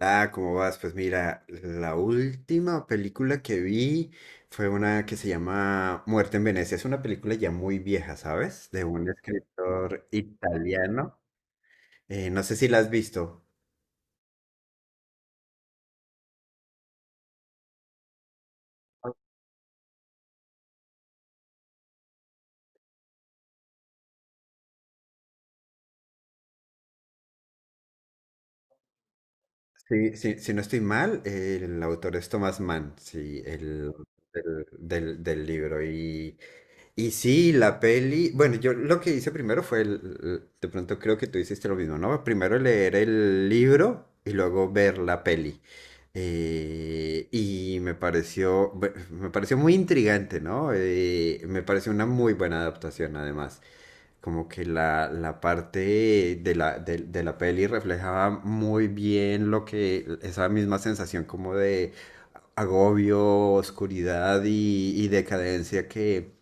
Ah, ¿cómo vas? Pues mira, la última película que vi fue una que se llama Muerte en Venecia. Es una película ya muy vieja, ¿sabes? De un escritor italiano. No sé si la has visto. Sí, sí, si no estoy mal, el autor es Thomas Mann, sí, del libro. Y sí, la peli, bueno, yo lo que hice primero fue, de pronto creo que tú hiciste lo mismo, ¿no? Primero leer el libro y luego ver la peli. Y me pareció, me pareció muy intrigante, ¿no? Me pareció una muy buena adaptación, además como que la parte de la peli reflejaba muy bien lo que, esa misma sensación como de agobio, oscuridad y decadencia que,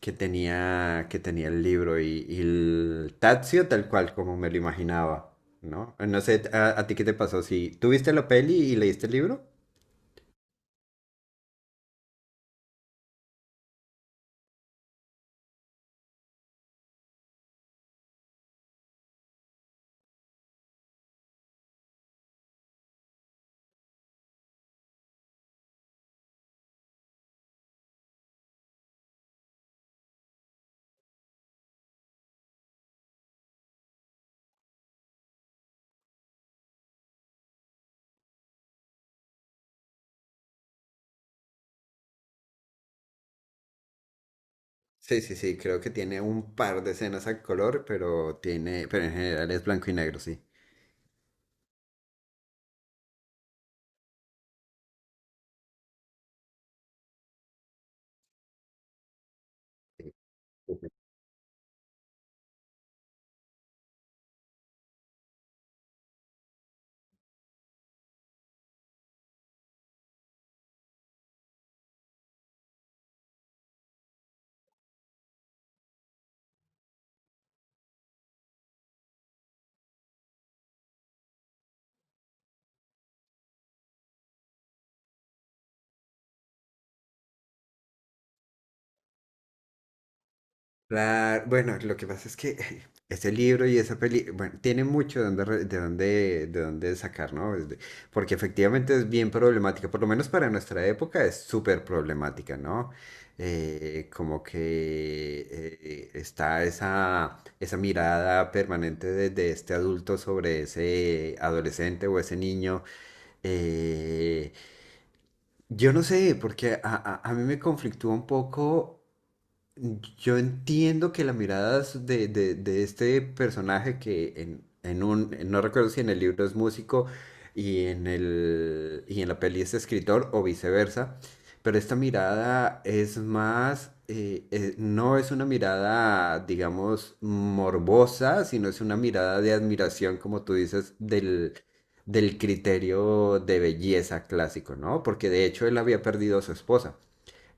que tenía, que tenía el libro y el Tazio tal cual como me lo imaginaba, ¿no? No sé, ¿a ti qué te pasó? Si ¿tú viste la peli y leíste el libro? Sí, sí, sí, creo que tiene un par de escenas a color, pero en general es blanco y negro, sí. Claro, bueno, lo que pasa es que ese libro y esa peli, bueno, tiene mucho de dónde sacar, ¿no? Porque efectivamente es bien problemática, por lo menos para nuestra época es súper problemática, ¿no? Como que está esa mirada permanente de este adulto sobre ese adolescente o ese niño. eh, yo no sé, porque a mí me conflictúa un poco. Yo entiendo que la mirada es de este personaje que no recuerdo si en el libro es músico y en la peli es escritor o viceversa, pero esta mirada es más, no es una mirada, digamos, morbosa, sino es una mirada de admiración, como tú dices, del criterio de belleza clásico, ¿no? Porque de hecho él había perdido a su esposa.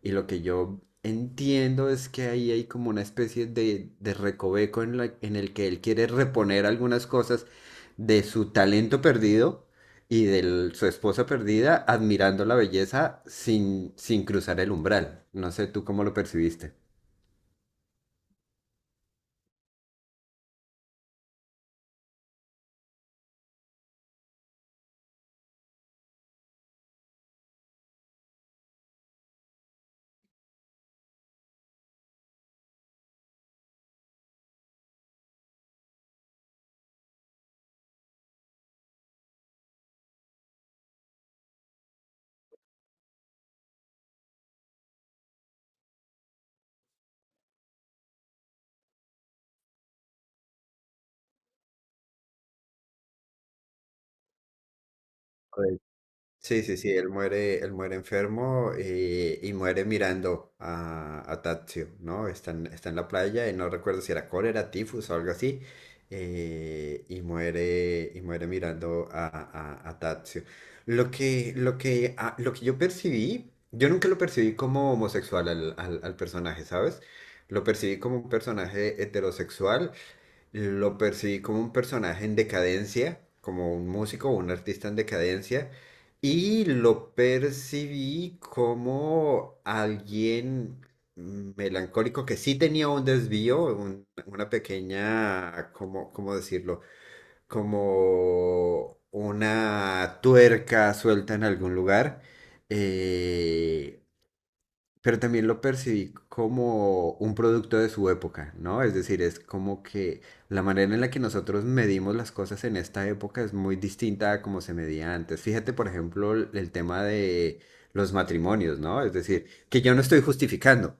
Y lo que yo entiendo es que ahí hay como una especie de recoveco en el que él quiere reponer algunas cosas de su talento perdido y de su esposa perdida, admirando la belleza sin cruzar el umbral. No sé tú cómo lo percibiste. Sí, sí, sí, él muere enfermo, y muere mirando a Tadzio, ¿no? Está en la playa y no recuerdo si era cólera, tifus o algo así, y muere mirando a Tadzio. Lo que yo percibí, yo nunca lo percibí como homosexual al personaje, ¿sabes? Lo percibí como un personaje heterosexual. Lo percibí como un personaje en decadencia, como un músico o un artista en decadencia, y lo percibí como alguien melancólico que sí tenía un desvío, una pequeña, ¿cómo decirlo? Como una tuerca suelta en algún lugar. eh, pero también lo percibí como un producto de su época, ¿no? Es decir, es como que la manera en la que nosotros medimos las cosas en esta época es muy distinta a como se medía antes. Fíjate, por ejemplo, el tema de los matrimonios, ¿no? Es decir, que yo no estoy justificando,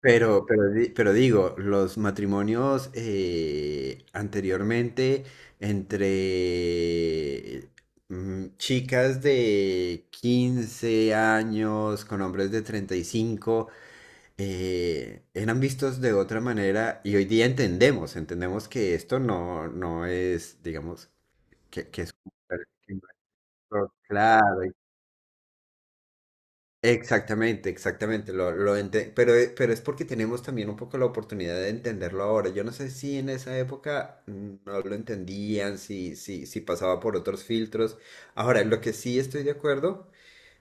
pero digo, los matrimonios, anteriormente, entre chicas de 15 años con hombres de 35, eran vistos de otra manera y hoy día entendemos que esto no, no es, digamos, que, que es... que no es todo, claro, exactamente, exactamente, lo ente- pero, e- pero es porque tenemos también un poco la oportunidad de entenderlo ahora. Yo no sé si en esa época no lo entendían, si pasaba por otros filtros. Ahora, lo que sí estoy de acuerdo,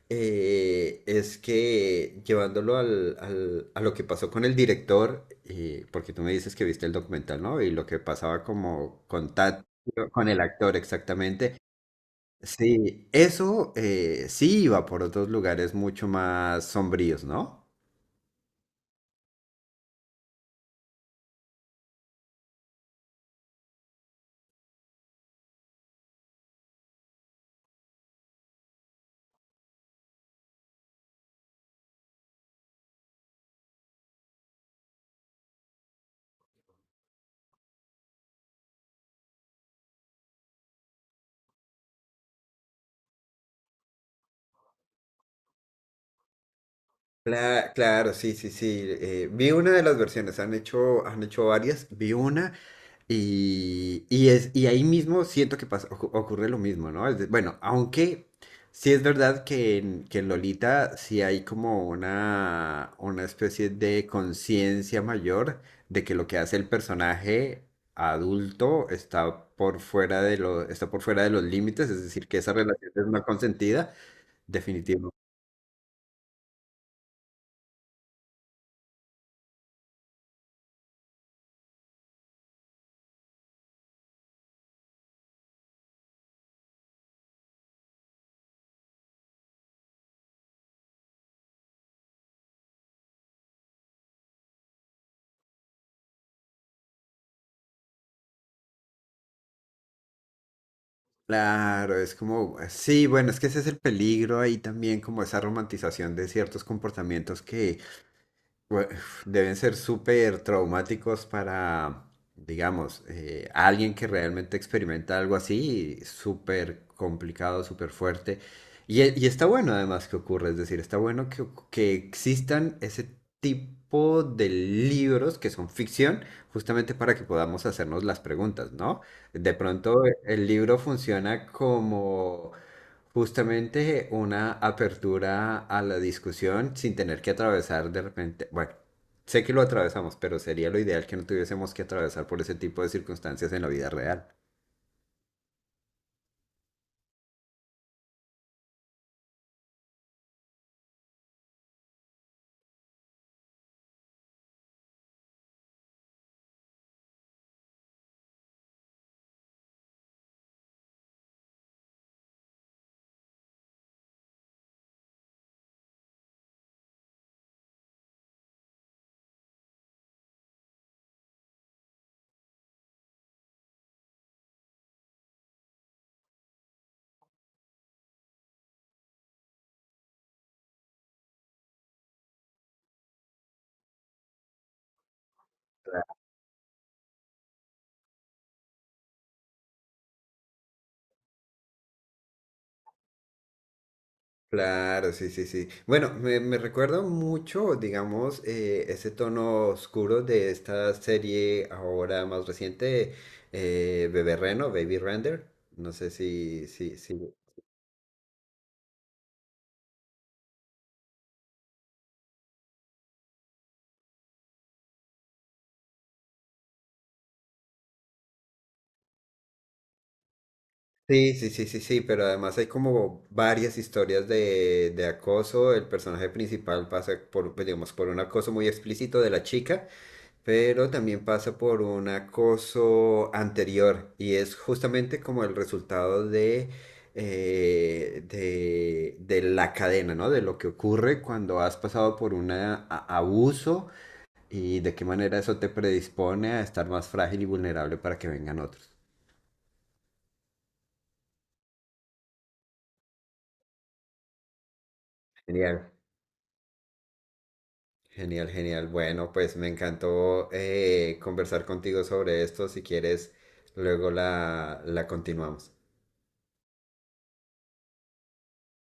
es que llevándolo a lo que pasó con el director, porque tú me dices que viste el documental, ¿no? Y lo que pasaba como con con el actor exactamente. Sí, eso, sí iba por otros lugares mucho más sombríos, ¿no? Claro, sí, sí, sí. Vi una de las versiones, han hecho varias. Vi una. Y es, y ahí mismo siento que ocurre lo mismo, ¿no? Bueno, aunque sí es verdad que en Lolita sí hay como una especie de conciencia mayor de que lo que hace el personaje adulto está por fuera de los límites, es decir, que esa relación es no consentida, definitivo. Claro, es como, sí, bueno, es que ese es el peligro ahí también, como esa romantización de ciertos comportamientos. Bue- Deben ser súper traumáticos para, digamos, alguien que realmente experimenta algo así, súper complicado, súper fuerte. Y está bueno además que ocurra, es decir, está bueno que existan ese tipo de libros que son ficción, justamente para que podamos hacernos las preguntas, ¿no? De pronto el libro funciona como justamente una apertura a la discusión sin tener que atravesar de repente, bueno, sé que lo atravesamos, pero sería lo ideal que no tuviésemos que atravesar por ese tipo de circunstancias en la vida real. Claro, sí, sí, sí. Bueno, me recuerda mucho, digamos, ese tono oscuro de esta serie ahora más reciente, Bebé Reno, Baby Render. No sé si. Sí, sí, sí, sí, sí, pero además hay como varias historias de acoso. El personaje principal pasa por, pues, digamos, por un acoso muy explícito de la chica, pero también pasa por un acoso anterior y es justamente como el resultado de la cadena, ¿no? De lo que ocurre cuando has pasado por un abuso y de qué manera eso te predispone a estar más frágil y vulnerable para que vengan otros. Genial. Genial, genial. Bueno, pues me encantó conversar contigo sobre esto. Si quieres, luego la continuamos.